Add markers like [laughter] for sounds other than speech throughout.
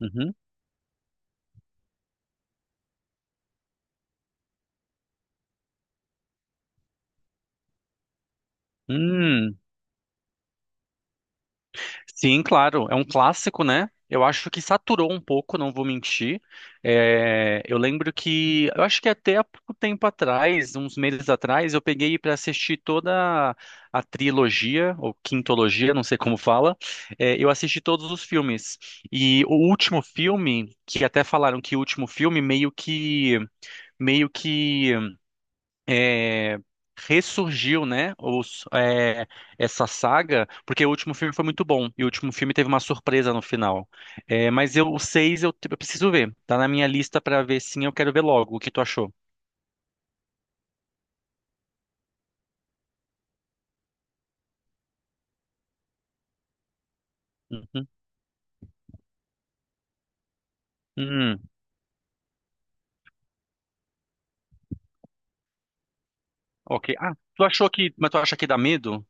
Uhum. Hum, sim, claro, é um clássico, né? Eu acho que saturou um pouco, não vou mentir. É, eu lembro que, eu acho que até há pouco tempo atrás, uns meses atrás, eu peguei para assistir toda a trilogia, ou quintologia, não sei como fala. É, eu assisti todos os filmes. E o último filme, que até falaram que o último filme meio que é, ressurgiu, né, essa saga, porque o último filme foi muito bom, e o último filme teve uma surpresa no final. É, mas eu, o seis eu preciso ver, tá na minha lista pra ver sim, eu quero ver logo. O que tu achou? Uhum. Hum, ok. Ah, mas tu acha que dá medo?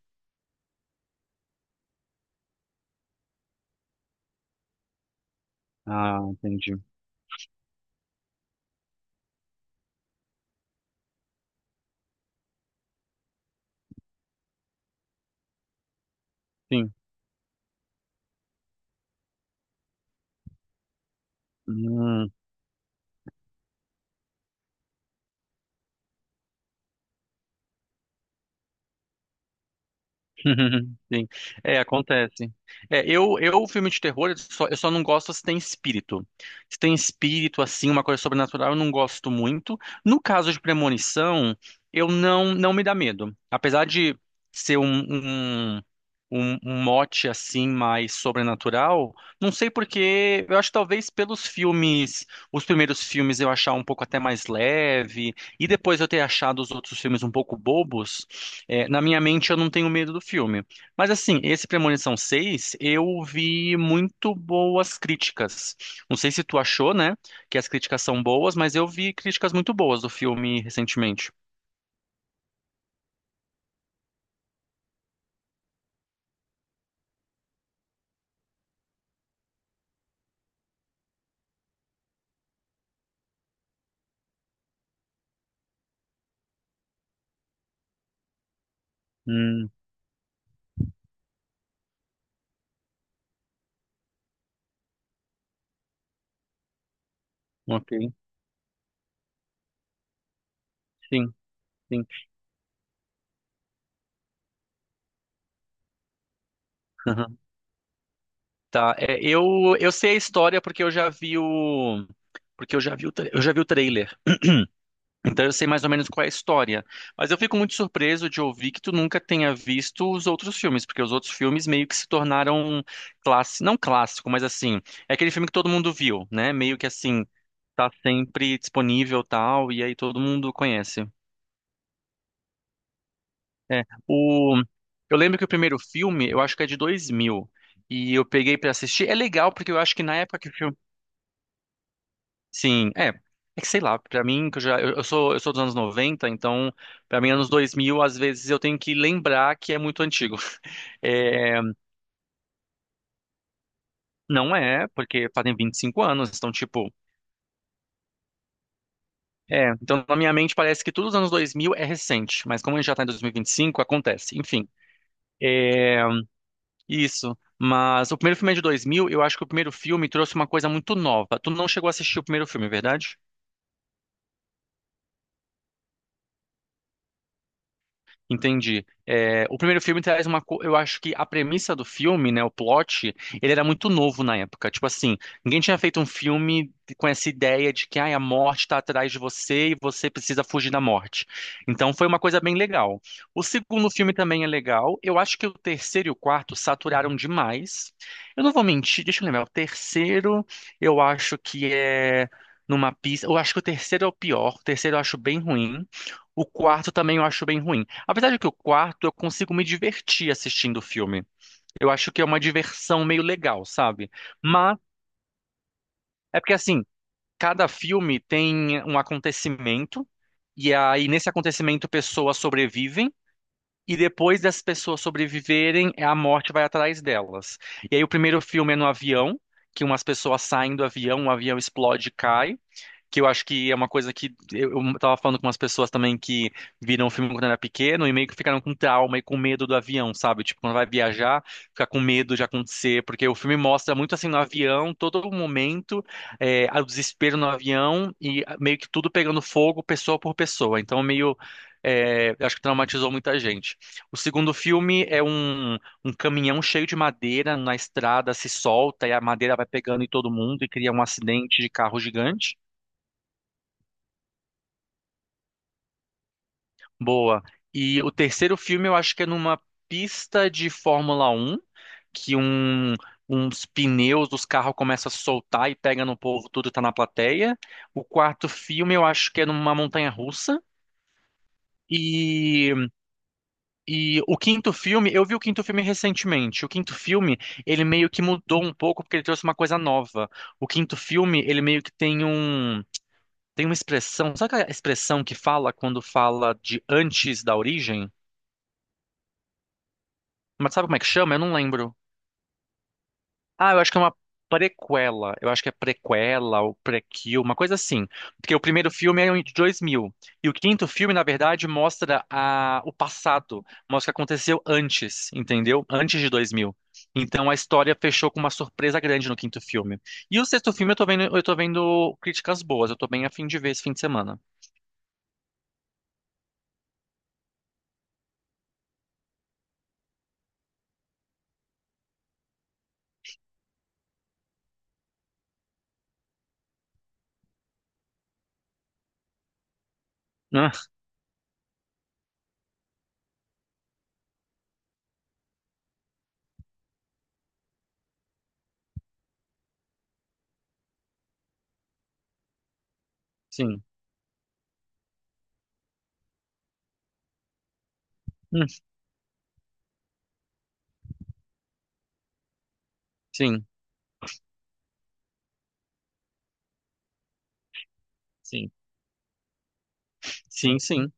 Ah, entendi. Sim. Hum. [laughs] Sim. É, acontece. É, eu, filme de terror, eu só não gosto se tem espírito. Se tem espírito, assim, uma coisa sobrenatural, eu não gosto muito. No caso de premonição, eu não, não me dá medo. Apesar de ser um mote, assim, mais sobrenatural, não sei porque, eu acho que talvez pelos filmes, os primeiros filmes eu achar um pouco até mais leve, e depois eu ter achado os outros filmes um pouco bobos, na minha mente, eu não tenho medo do filme. Mas, assim, esse Premonição 6 eu vi muito boas críticas. Não sei se tu achou, né, que as críticas são boas, mas eu vi críticas muito boas do filme recentemente. Hum, ok. Sim, sim. Aham. Tá, eu sei a história porque eu já vi o. Porque eu já vi o trailer. Então eu sei mais ou menos qual é a história. Mas eu fico muito surpreso de ouvir que tu nunca tenha visto os outros filmes, porque os outros filmes meio que se tornaram clássico, não clássico, mas assim, é aquele filme que todo mundo viu, né? Meio que assim, tá sempre disponível tal, e aí todo mundo conhece. É, o. Eu lembro que o primeiro filme, eu acho que é de 2000, e eu peguei pra assistir. É legal, porque eu acho que na época que o filme. Sim, é. É que sei lá, pra mim, que eu já. Eu sou dos anos 90 então, pra mim, anos 2000 às vezes eu tenho que lembrar que é muito antigo. [laughs] É, não é, porque fazem 25 anos, então, tipo. É, então na minha mente parece que tudo os anos 2000 é recente, mas como a gente já tá em dois mil e vinte e cinco acontece. Enfim, isso. Mas o primeiro filme é de 2000. Eu acho que o primeiro filme trouxe uma coisa muito nova. Tu não chegou a assistir o primeiro filme, é verdade? Entendi. É, o primeiro filme traz Eu acho que a premissa do filme, né, o plot, ele era muito novo na época. Tipo assim, ninguém tinha feito um filme com essa ideia de que ai, a morte está atrás de você e você precisa fugir da morte. Então foi uma coisa bem legal. O segundo filme também é legal. Eu acho que o terceiro e o quarto saturaram demais. Eu não vou mentir, deixa eu lembrar. O terceiro, eu acho que é numa pista. Eu acho que o terceiro é o pior. O terceiro eu acho bem ruim. O quarto também eu acho bem ruim. Apesar de que o quarto eu consigo me divertir assistindo o filme. Eu acho que é uma diversão meio legal, sabe? Mas é porque assim, cada filme tem um acontecimento e aí nesse acontecimento pessoas sobrevivem e depois das pessoas sobreviverem, a morte vai atrás delas. E aí o primeiro filme é no avião, que umas pessoas saem do avião, o avião explode e cai que eu acho que é uma coisa que eu tava falando com umas pessoas também que viram o filme quando era pequeno e meio que ficaram com trauma e com medo do avião, sabe? Tipo, quando vai viajar, ficar com medo de acontecer, porque o filme mostra muito assim no avião, todo momento, o desespero no avião e ah, meio que tudo pegando fogo, pessoa por pessoa. Então, meio. Acho que traumatizou muita gente. O segundo filme é um caminhão cheio de madeira na estrada se solta e a madeira vai pegando em todo mundo e cria um acidente de carro gigante. Boa. E o terceiro filme eu acho que é numa pista de Fórmula 1 que uns pneus dos carros começam a soltar e pega no povo, tudo tá na plateia. O quarto filme eu acho que é numa montanha russa. E, e o quinto filme, eu vi o quinto filme recentemente. O quinto filme, ele meio que mudou um pouco porque ele trouxe uma coisa nova. O quinto filme, ele meio que tem uma expressão, sabe aquela expressão que fala quando fala de antes da origem? Mas sabe como é que chama? Eu não lembro. Ah, eu acho que é uma prequela. Eu acho que é prequela ou prequel, uma coisa assim. Porque o primeiro filme é de dois mil. E o quinto filme, na verdade, mostra o passado. Mostra o que aconteceu antes, entendeu? Antes de 2000. Então a história fechou com uma surpresa grande no quinto filme. E o sexto filme eu tô vendo, críticas boas. Eu tô bem a fim de ver esse fim de semana. Ah, sim. Hum, sim. Sim. Sim, sim.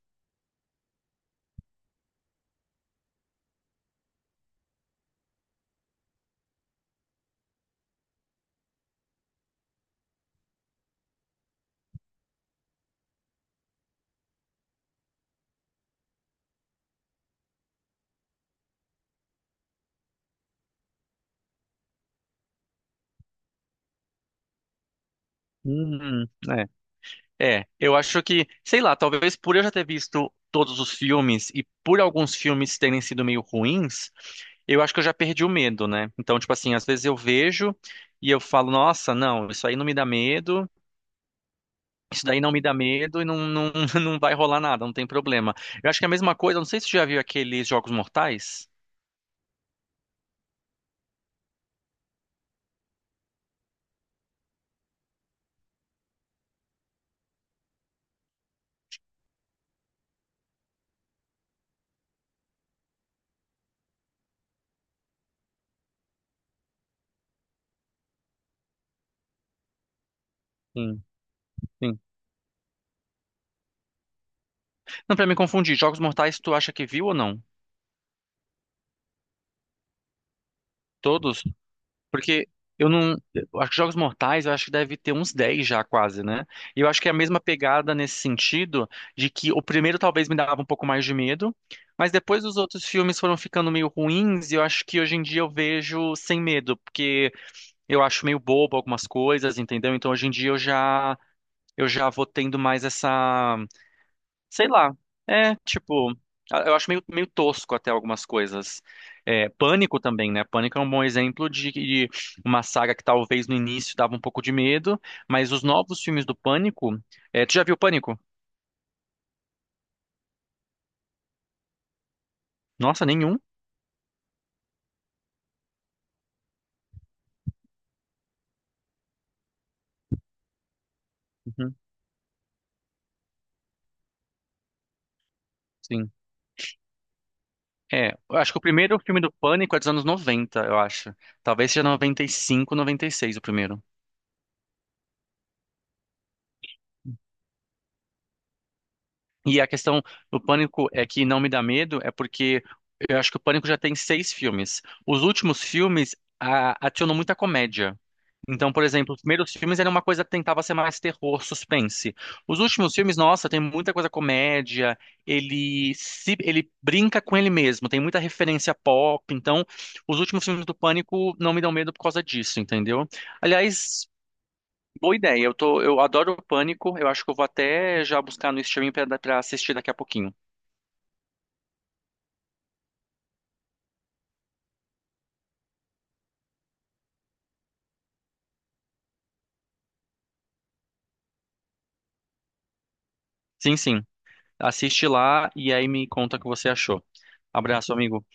É. É, eu acho que, sei lá, talvez por eu já ter visto todos os filmes e por alguns filmes terem sido meio ruins, eu acho que eu já perdi o medo, né? Então, tipo assim, às vezes eu vejo e eu falo, nossa, não, isso aí não me dá medo, isso daí não me dá medo e não, não, [laughs] não vai rolar nada, não tem problema. Eu acho que é a mesma coisa, não sei se você já viu aqueles Jogos Mortais. Sim, sim. Não, pra me confundir, Jogos Mortais tu acha que viu ou não? Todos. Porque eu não. eu Acho que Jogos Mortais, eu acho que deve ter 10 já, quase, né? E eu acho que é a mesma pegada nesse sentido, de que o primeiro talvez me dava um pouco mais de medo, mas depois os outros filmes foram ficando meio ruins, e eu acho que hoje em dia eu vejo sem medo, porque eu acho meio bobo algumas coisas, entendeu? Então hoje em dia eu já. Eu já vou tendo mais essa. Sei lá. É, tipo, eu acho meio, meio tosco até algumas coisas. É, Pânico também, né? Pânico é um bom exemplo de uma saga que talvez no início dava um pouco de medo, mas os novos filmes do Pânico. Tu já viu Pânico? Nossa, nenhum? Uhum, sim. É, eu acho que o primeiro filme do Pânico é dos anos 90 eu acho. Talvez seja noventa noventa e cinco noventa e seis o primeiro. E a questão do Pânico é que não me dá medo, é porque eu acho que o Pânico já tem seis filmes. Os últimos filmes adicionam muita comédia. Então, por exemplo, os primeiros filmes era uma coisa que tentava ser mais terror, suspense. Os últimos filmes, nossa, tem muita coisa comédia, ele se ele brinca com ele mesmo, tem muita referência pop, então os últimos filmes do Pânico não me dão medo por causa disso, entendeu? Aliás, boa ideia. Eu adoro o Pânico. Eu acho que eu vou até já buscar no streaming pra assistir daqui a pouquinho. Sim, sim. Assiste lá e aí me conta o que você achou. Abraço, amigo.